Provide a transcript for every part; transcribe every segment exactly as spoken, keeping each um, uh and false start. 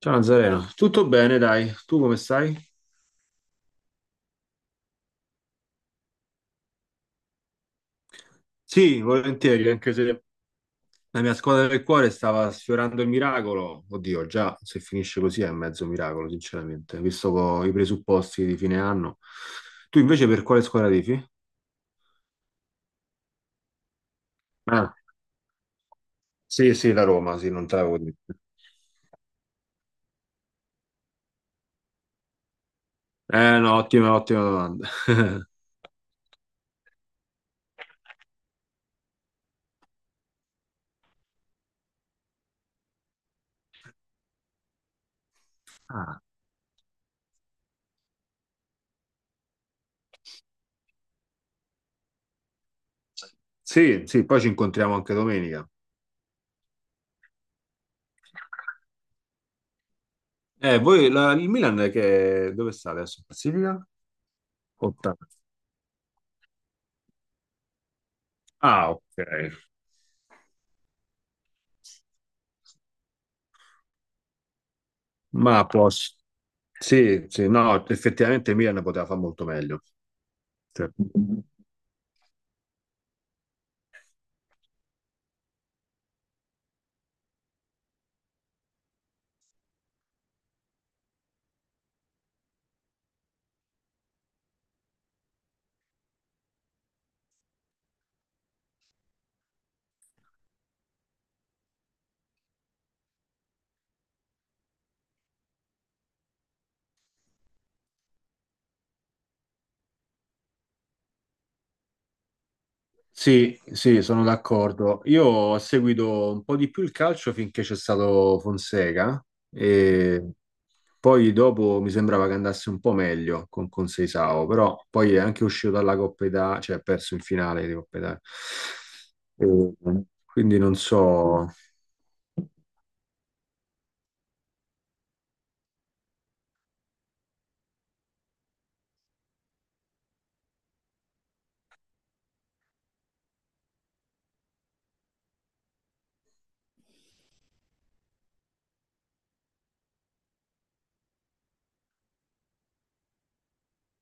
Ciao Nazareno, tutto bene dai, tu come stai? Sì, volentieri, anche se la mia squadra del cuore stava sfiorando il miracolo. Oddio, già se finisce così è mezzo miracolo, sinceramente, visto co- i presupposti di fine anno. Tu invece per quale squadra tifi? Ah, sì, sì, la Roma, sì, non te l'avevo detto. Eh no, ottima, ottima domanda. Ah, sì, sì, poi ci incontriamo anche domenica. Eh, voi, la- il Milan che, dove sta adesso? Classifica? Ottava. Ah, ok. Ma a posto. Sì, sì, no, effettivamente Milan poteva fare molto meglio. Cioè, sì, sì, sono d'accordo. Io ho seguito un po' di più il calcio finché c'è stato Fonseca e poi dopo mi sembrava che andasse un po' meglio con, con Seisao, però poi è anche uscito dalla Coppa Italia, cioè ha perso in finale di Coppa Italia. E quindi non so.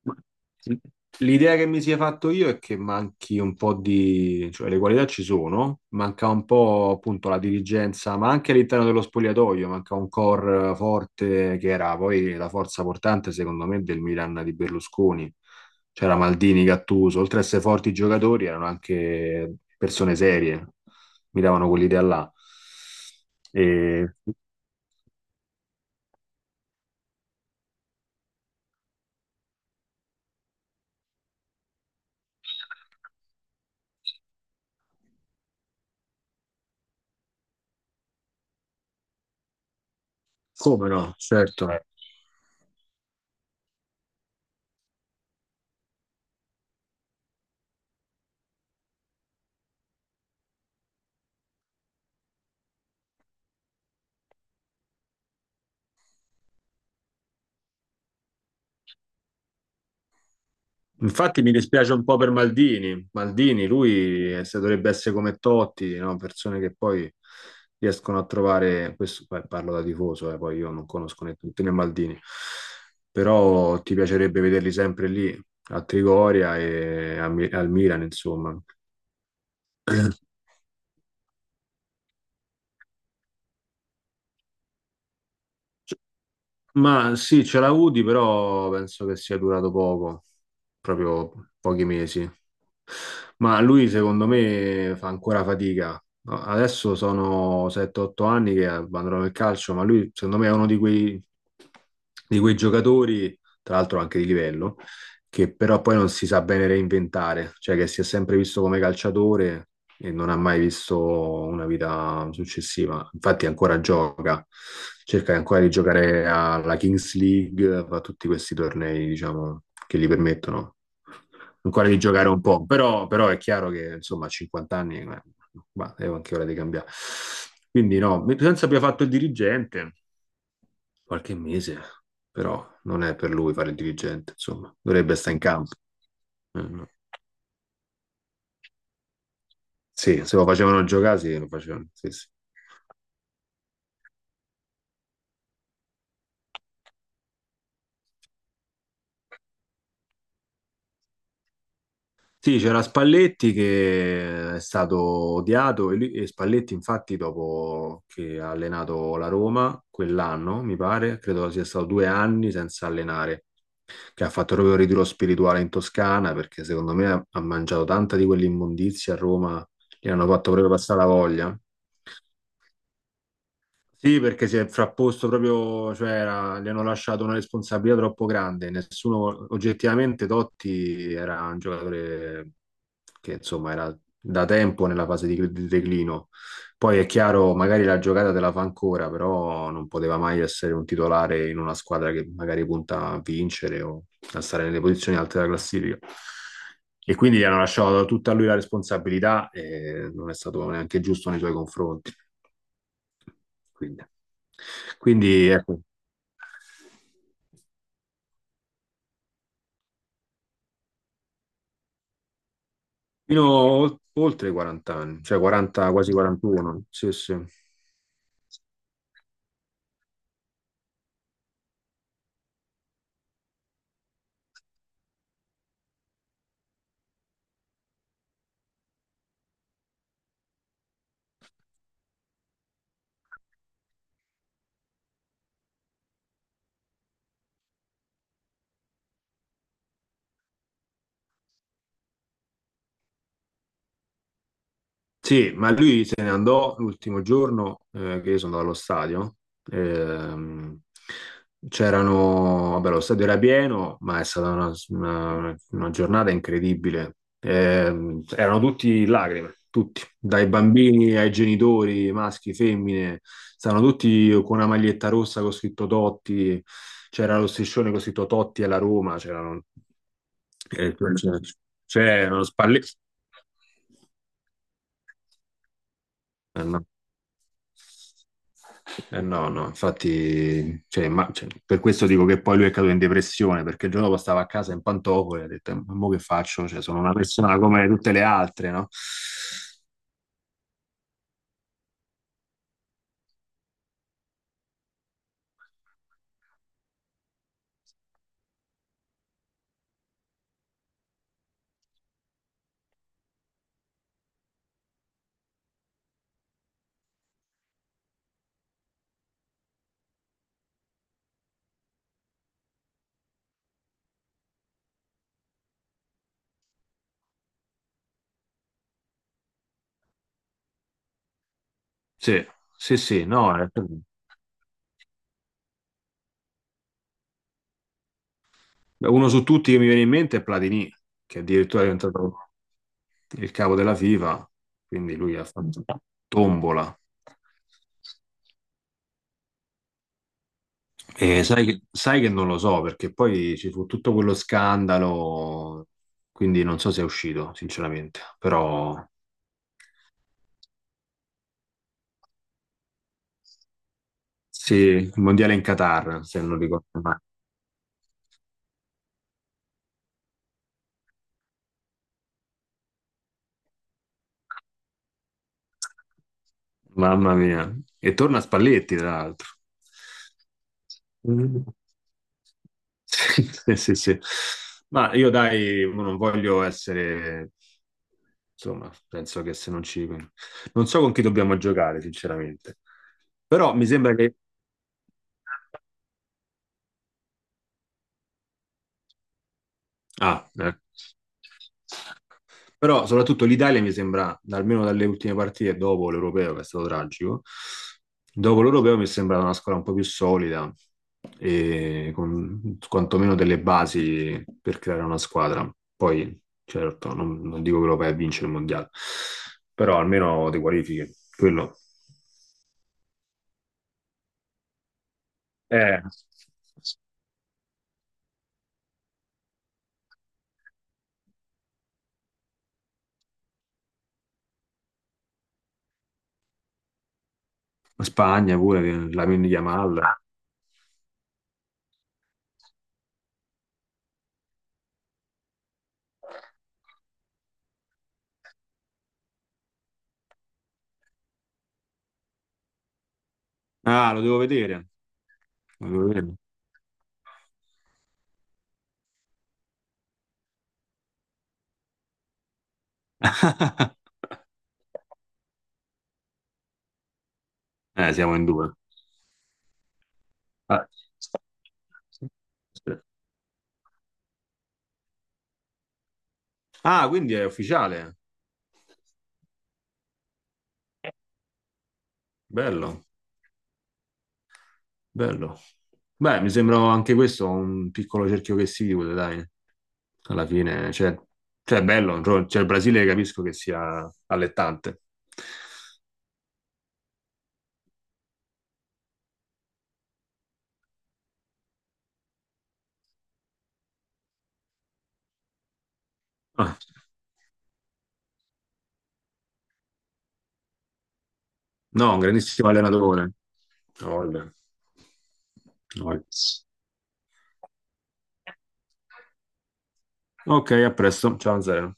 Ma- L'idea che mi sia fatto io è che manchi un po' di, cioè le qualità ci sono, manca un po' appunto la dirigenza, ma anche all'interno dello spogliatoio, manca un core forte che era poi la forza portante secondo me del Milan di Berlusconi. C'era Maldini, Gattuso, oltre a essere forti giocatori erano anche persone serie, mi davano quell'idea là. E... Come no, certo. Infatti mi dispiace un po' per Maldini. Maldini, lui eh, se dovrebbe essere come Totti, no? Persone che poi riescono a trovare, questo beh, parlo da tifoso, eh, poi io non conosco né tutti né Maldini, però ti piacerebbe vederli sempre lì, a Trigoria e a Mi- al Milan, insomma. Ma sì, c'era Udi, però penso che sia durato poco, proprio pochi mesi. Ma lui, secondo me, fa ancora fatica. No, adesso sono sette otto anni che abbandonano il calcio, ma lui, secondo me, è uno di quei, di quei giocatori, tra l'altro anche di livello, che però poi non si sa bene reinventare, cioè che si è sempre visto come calciatore, e non ha mai visto una vita successiva. Infatti ancora gioca, cerca ancora di giocare alla Kings League, fa tutti questi tornei, diciamo, che gli permettono ancora di giocare un po', però, però è chiaro che insomma a cinquanta anni eh, bah, è anche ora di cambiare. Quindi no, senza abbia fatto il dirigente qualche mese, però non è per lui fare il dirigente, insomma, dovrebbe stare in campo. Eh, no. Sì, se lo facevano giocare, sì, lo facevano. Sì, sì. Sì, c'era Spalletti che è stato odiato e, lui- e Spalletti infatti dopo che ha allenato la Roma quell'anno, mi pare, credo sia stato due anni senza allenare, che ha fatto proprio il ritiro spirituale in Toscana perché secondo me ha, ha mangiato tanta di quell'immondizia a Roma, gli hanno fatto proprio passare la voglia. Sì, perché si è frapposto proprio, cioè era- gli hanno lasciato una responsabilità troppo grande. Nessuno, oggettivamente, Totti era un giocatore che insomma era da tempo nella fase di, di declino. Poi è chiaro, magari la giocata te la fa ancora, però non poteva mai essere un titolare in una squadra che magari punta a vincere o a stare nelle posizioni alte della classifica. E quindi gli hanno lasciato tutta a lui la responsabilità e non è stato neanche giusto nei suoi confronti. Quindi, quindi ecco, fino a ol- oltre i quaranta anni, cioè quaranta, quasi quarantuno. Sì, sì. Sì, ma lui se ne andò l'ultimo giorno eh, che io sono andato allo stadio. Ehm, c'erano, vabbè, lo stadio era pieno, ma è stata una, una- una giornata incredibile. Ehm, erano tutti in lacrime, tutti, dai bambini ai genitori, maschi, femmine, stavano tutti con una maglietta rossa con scritto Totti, c'era lo striscione con scritto Totti alla Roma, c'erano, eh, c'è c'è uno spalletto. Eh no, no, infatti, cioè, ma- cioè, per questo dico che poi lui è caduto in depressione, perché il giorno dopo stava a casa in pantofole e ha detto, "Eh, ma mo che faccio? Cioè, sono una persona come tutte le altre, no? Sì, sì, sì, no, eh, uno su tutti che mi viene in mente è Platini, che addirittura è diventato il capo della FIFA, quindi lui ha fatto tombola. E sai, che- sai che non lo so perché poi ci fu tutto quello scandalo, quindi non so se è uscito, sinceramente. Però sì, il mondiale in Qatar, se non ricordo male. Mamma mia. E torna Spalletti, tra l'altro. Mm. Sì, sì, sì. Ma io dai, mo non voglio essere, insomma, penso che se non ci... Non so con chi dobbiamo giocare, sinceramente. Però mi sembra che ah, eh. Però soprattutto l'Italia mi sembra, almeno dalle ultime partite dopo l'Europeo, che è stato tragico, dopo l'Europeo mi è sembrata una squadra un po' più solida e con quantomeno delle basi per creare una squadra. Poi, certo, non, non dico che lo vai a vincere il mondiale, però almeno ti qualifichi. Quello. Eh, Spagna pure, che- la Yamal. Ah, lo devo vedere. Lo devo vedere. Eh, siamo in due. Ah, sì. Ah, quindi è ufficiale. Bello, bello. Beh, mi sembra anche questo un piccolo cerchio che si chiude, dai. Alla fine, cioè, cioè, è bello. Cioè, cioè, il Brasile capisco che sia allettante. Ah, no, un grandissimo allenatore. Voglia, voglia. Ok, a presto. Ciao, Zero.